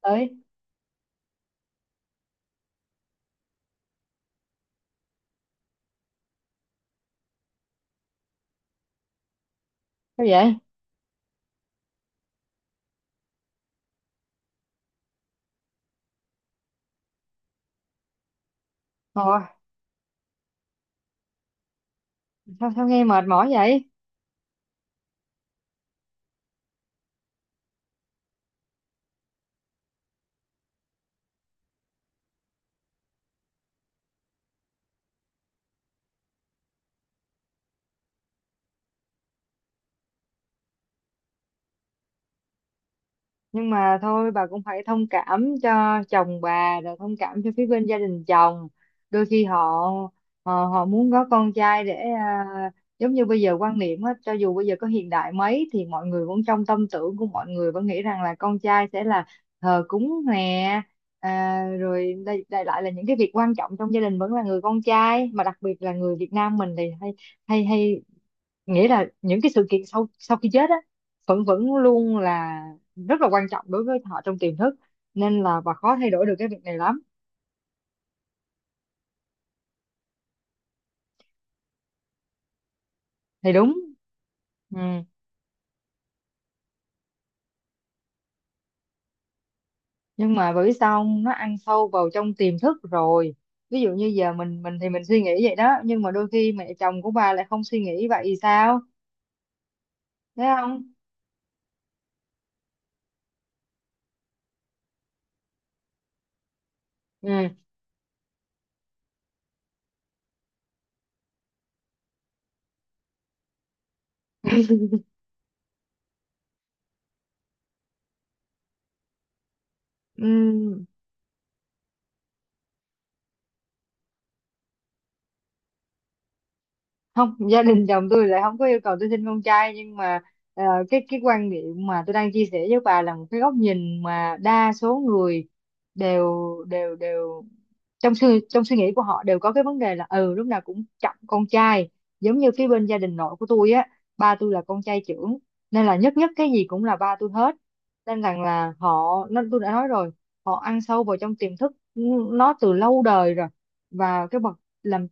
Ơi, sao vậy? Ồ, sao sao nghe mệt mỏi vậy? Nhưng mà thôi, bà cũng phải thông cảm cho chồng bà, rồi thông cảm cho phía bên gia đình chồng. Đôi khi họ họ muốn có con trai để à, giống như bây giờ quan niệm á, cho dù bây giờ có hiện đại mấy thì mọi người vẫn, trong tâm tưởng của mọi người vẫn nghĩ rằng là con trai sẽ là thờ cúng nè, rồi đây lại là những cái việc quan trọng trong gia đình vẫn là người con trai, mà đặc biệt là người Việt Nam mình thì hay hay hay nghĩa là những cái sự kiện sau sau khi chết á, vẫn vẫn luôn là rất là quan trọng đối với họ trong tiềm thức. Nên là bà khó thay đổi được cái việc này lắm. Thì đúng. Ừ. Nhưng mà bởi vì sao không? Nó ăn sâu vào trong tiềm thức rồi. Ví dụ như giờ mình thì mình suy nghĩ vậy đó, nhưng mà đôi khi mẹ chồng của bà lại không suy nghĩ vậy thì sao? Thấy không? Ừ. Ừ. Không, gia đình chồng tôi lại không có yêu cầu tôi sinh con trai, nhưng mà ờ, cái quan điểm mà tôi đang chia sẻ với bà là một cái góc nhìn mà đa số người đều đều đều trong suy nghĩ của họ đều có cái vấn đề là ừ, lúc nào cũng trọng con trai. Giống như phía bên gia đình nội của tôi á, ba tôi là con trai trưởng nên là nhất nhất cái gì cũng là ba tôi hết. Nên rằng là họ, nó tôi đã nói rồi, họ ăn sâu vào trong tiềm thức, nó từ lâu đời rồi. Và cái bậc làm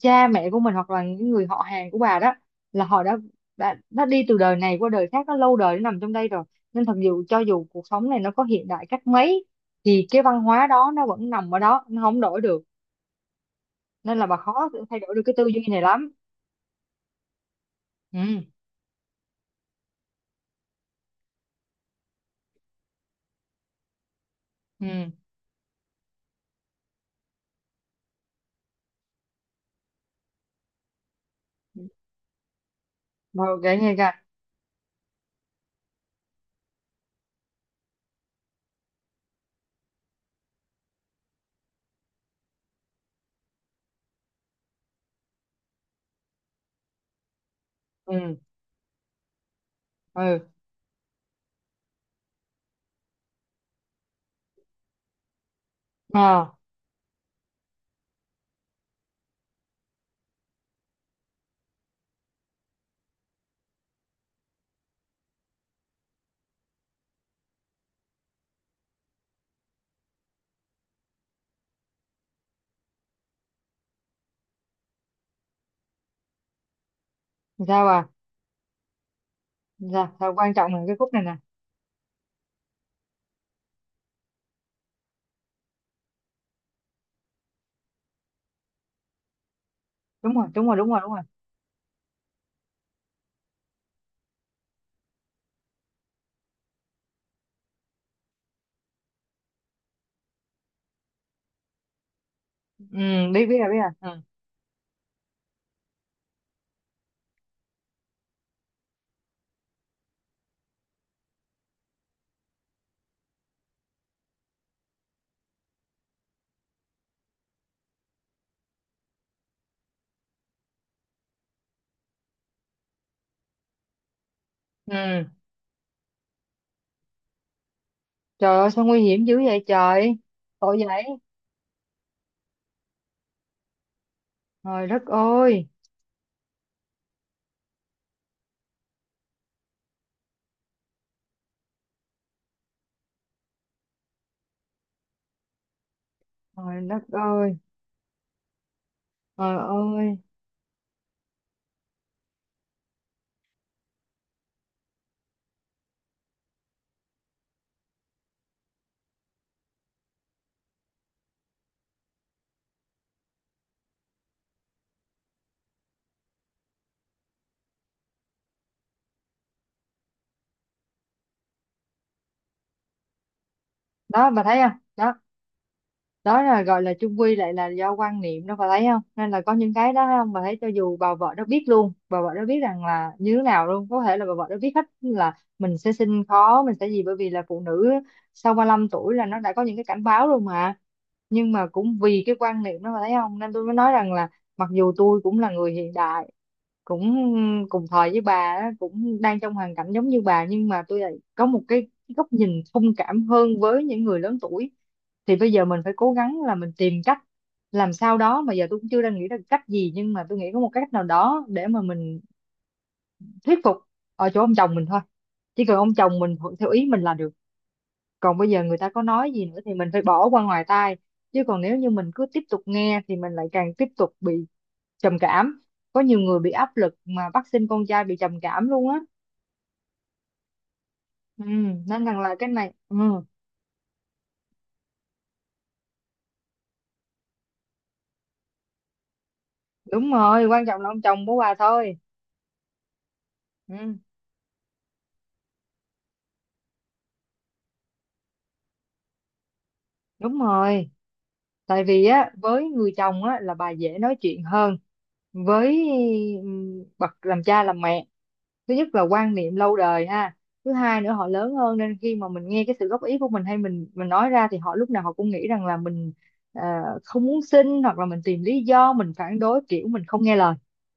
cha mẹ của mình hoặc là những người họ hàng của bà đó, là họ đã đã đi từ đời này qua đời khác, nó lâu đời, nó nằm trong đây rồi. Nên thật dù cho dù cuộc sống này nó có hiện đại cách mấy thì cái văn hóa đó nó vẫn nằm ở đó, nó không đổi được. Nên là bà khó thay đổi được cái tư duy này lắm. Ừ. Ừ. Rồi kể nghe kìa. Ừ. Ừ. À, sao? À, sao quan trọng là cái khúc này nè. Đúng rồi, đúng rồi, đúng rồi, đúng rồi. Ừ. biết biết rồi, biết rồi. Ừ. Ừ. Trời ơi, sao nguy hiểm dữ vậy trời. Tội vậy. Trời đất ơi. Trời đất ơi. Trời ơi. Đó, bà thấy không? Đó, đó là gọi là chung quy lại là do quan niệm đó, bà thấy không, nên là có những cái đó, thấy không? Bà thấy cho dù bà vợ đó biết luôn, bà vợ đó biết rằng là như thế nào luôn, có thể là bà vợ đó biết hết là mình sẽ sinh khó, mình sẽ gì, bởi vì là phụ nữ sau ba lăm tuổi là nó đã có những cái cảnh báo rồi mà. Nhưng mà cũng vì cái quan niệm đó, bà thấy không, nên tôi mới nói rằng là mặc dù tôi cũng là người hiện đại, cũng cùng thời với bà á, cũng đang trong hoàn cảnh giống như bà, nhưng mà tôi lại có một cái góc nhìn thông cảm hơn với những người lớn tuổi. Thì bây giờ mình phải cố gắng là mình tìm cách làm sao đó, mà giờ tôi cũng chưa đang nghĩ ra cách gì, nhưng mà tôi nghĩ có một cách nào đó để mà mình thuyết phục ở chỗ ông chồng mình thôi. Chỉ cần ông chồng mình thuận theo ý mình là được, còn bây giờ người ta có nói gì nữa thì mình phải bỏ qua ngoài tai. Chứ còn nếu như mình cứ tiếp tục nghe thì mình lại càng tiếp tục bị trầm cảm. Có nhiều người bị áp lực mà bắt sinh con trai bị trầm cảm luôn á. Ừ, nên rằng là cái này. Ừ. Đúng rồi, quan trọng là ông chồng của bà thôi. Ừ. Đúng rồi. Tại vì á, với người chồng á là bà dễ nói chuyện hơn. Với ừ, bậc làm cha làm mẹ, thứ nhất là quan niệm lâu đời ha, thứ hai nữa họ lớn hơn, nên khi mà mình nghe cái sự góp ý của mình, hay mình nói ra, thì họ lúc nào họ cũng nghĩ rằng là mình ờ, không muốn xin, hoặc là mình tìm lý do mình phản đối, kiểu mình không nghe lời.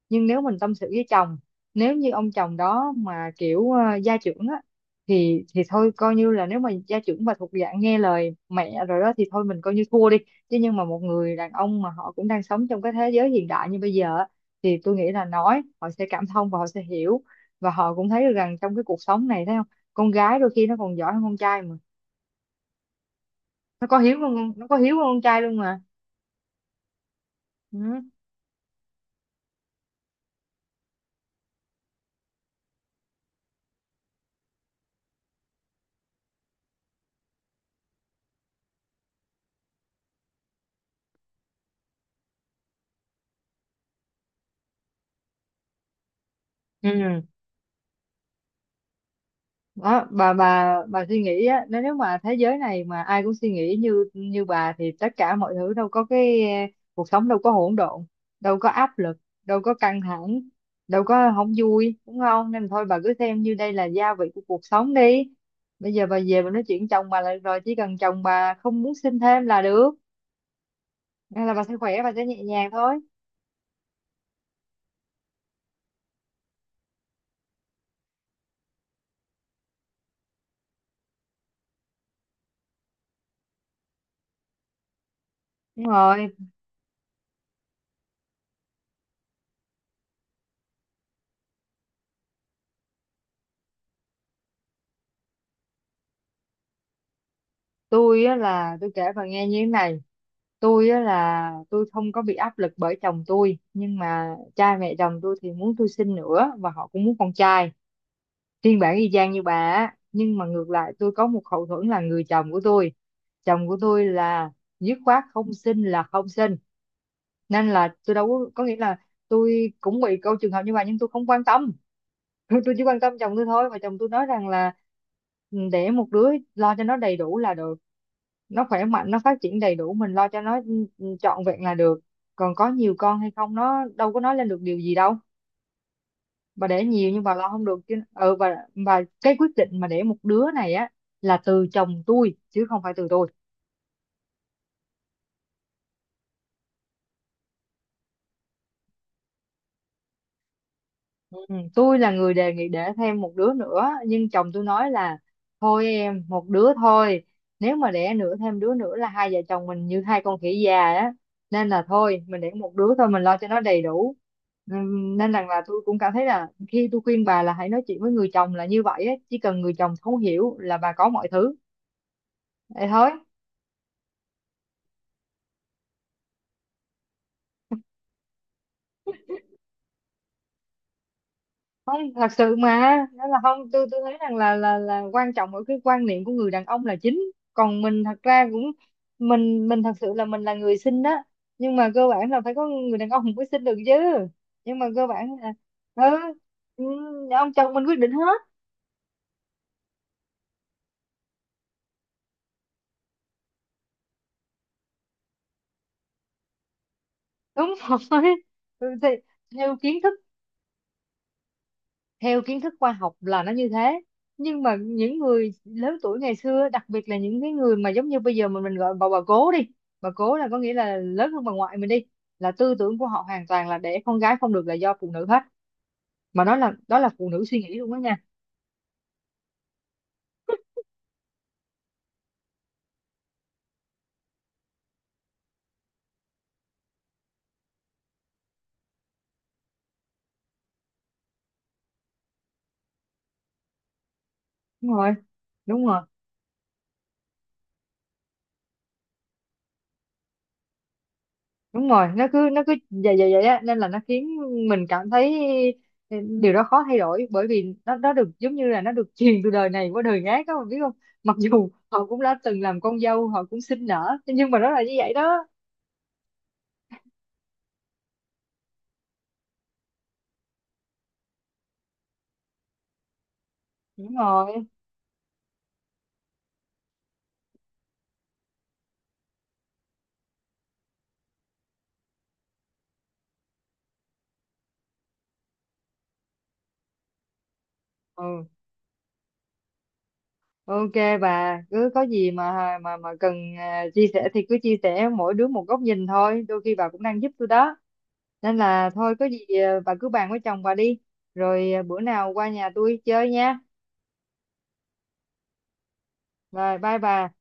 Nhưng nếu mình tâm sự với chồng, nếu như ông chồng đó mà kiểu gia trưởng á, thì thôi coi như là nếu mà gia trưởng mà thuộc dạng nghe lời mẹ rồi đó, thì thôi mình coi như thua đi. Chứ nhưng mà một người đàn ông mà họ cũng đang sống trong cái thế giới hiện đại như bây giờ á, thì tôi nghĩ là nói họ sẽ cảm thông và họ sẽ hiểu, và họ cũng thấy được rằng trong cái cuộc sống này, thấy không, con gái đôi khi nó còn giỏi hơn con trai mà. Nó có hiếu hơn con, nó có hiếu hơn con trai luôn mà. Ừ. Ừ. Đó, bà suy nghĩ á, nếu nếu mà thế giới này mà ai cũng suy nghĩ như như bà thì tất cả mọi thứ đâu có cái cuộc sống đâu có hỗn độn, đâu có áp lực, đâu có căng thẳng, đâu có không vui, đúng không? Nên thôi bà cứ xem như đây là gia vị của cuộc sống đi. Bây giờ bà về bà nói chuyện chồng bà là được rồi, chỉ cần chồng bà không muốn sinh thêm là được. Nên là bà sẽ khỏe, bà sẽ nhẹ nhàng thôi. Đúng rồi. Tôi á là tôi kể bà nghe như thế này. Tôi á là tôi không có bị áp lực bởi chồng tôi, nhưng mà cha mẹ chồng tôi thì muốn tôi sinh nữa, và họ cũng muốn con trai, phiên bản y chang như bà á. Nhưng mà ngược lại tôi có một hậu thuẫn là người chồng của tôi. Chồng của tôi là dứt khoát không sinh là không sinh. Nên là tôi đâu có nghĩa là tôi cũng bị câu trường hợp như vậy nhưng tôi không quan tâm. Tôi chỉ quan tâm chồng tôi thôi, và chồng tôi nói rằng là "Ừ, để một đứa lo cho nó đầy đủ là được, nó khỏe mạnh, nó phát triển đầy đủ, mình lo cho nó trọn vẹn là được. Còn có nhiều con hay không nó đâu có nói lên được điều gì đâu. Bà để nhiều nhưng bà lo không được chứ." Ừ. Và cái quyết định mà để một đứa này á là từ chồng tôi chứ không phải từ tôi. Ừ, tôi là người đề nghị để thêm một đứa nữa, nhưng chồng tôi nói là thôi em một đứa thôi, nếu mà đẻ nữa thêm đứa nữa là hai vợ chồng mình như hai con khỉ già á, nên là thôi mình đẻ một đứa thôi, mình lo cho nó đầy đủ. Nên rằng là tôi cũng cảm thấy là khi tôi khuyên bà là hãy nói chuyện với người chồng là như vậy á, chỉ cần người chồng thấu hiểu là bà có mọi thứ. Vậy thôi. Không, thật sự mà đó là, không, tôi tôi thấy rằng là là quan trọng ở cái quan niệm của người đàn ông là chính. Còn mình thật ra cũng, mình thật sự là mình là người sinh đó, nhưng mà cơ bản là phải có người đàn ông mới sinh được chứ. Nhưng mà cơ bản là ừ, ừ, ông chồng mình quyết định hết. Đúng rồi. Ừ, thì nhiều kiến thức, theo kiến thức khoa học là nó như thế. Nhưng mà những người lớn tuổi ngày xưa, đặc biệt là những cái người mà giống như bây giờ mình gọi bà cố đi, bà cố là có nghĩa là lớn hơn bà ngoại mình đi, là tư tưởng của họ hoàn toàn là để con gái không được là do phụ nữ hết. Mà đó là phụ nữ suy nghĩ luôn đó nha. Đúng rồi, đúng rồi, đúng rồi. Nó cứ, nó cứ vậy vậy vậy á, nên là nó khiến mình cảm thấy ừ, điều đó khó thay đổi, bởi vì nó được giống như là nó được truyền từ đời này qua đời khác, các bạn biết không. Mặc dù họ cũng đã từng làm con dâu, họ cũng sinh nở, nhưng mà nó là như vậy đó. Đúng rồi. Ừ. OK. Bà cứ có gì mà mà cần chia sẻ thì cứ chia sẻ, mỗi đứa một góc nhìn thôi, đôi khi bà cũng đang giúp tôi đó. Nên là thôi có gì bà cứ bàn với chồng bà đi. Rồi bữa nào qua nhà tôi chơi nha. Rồi, bye bà.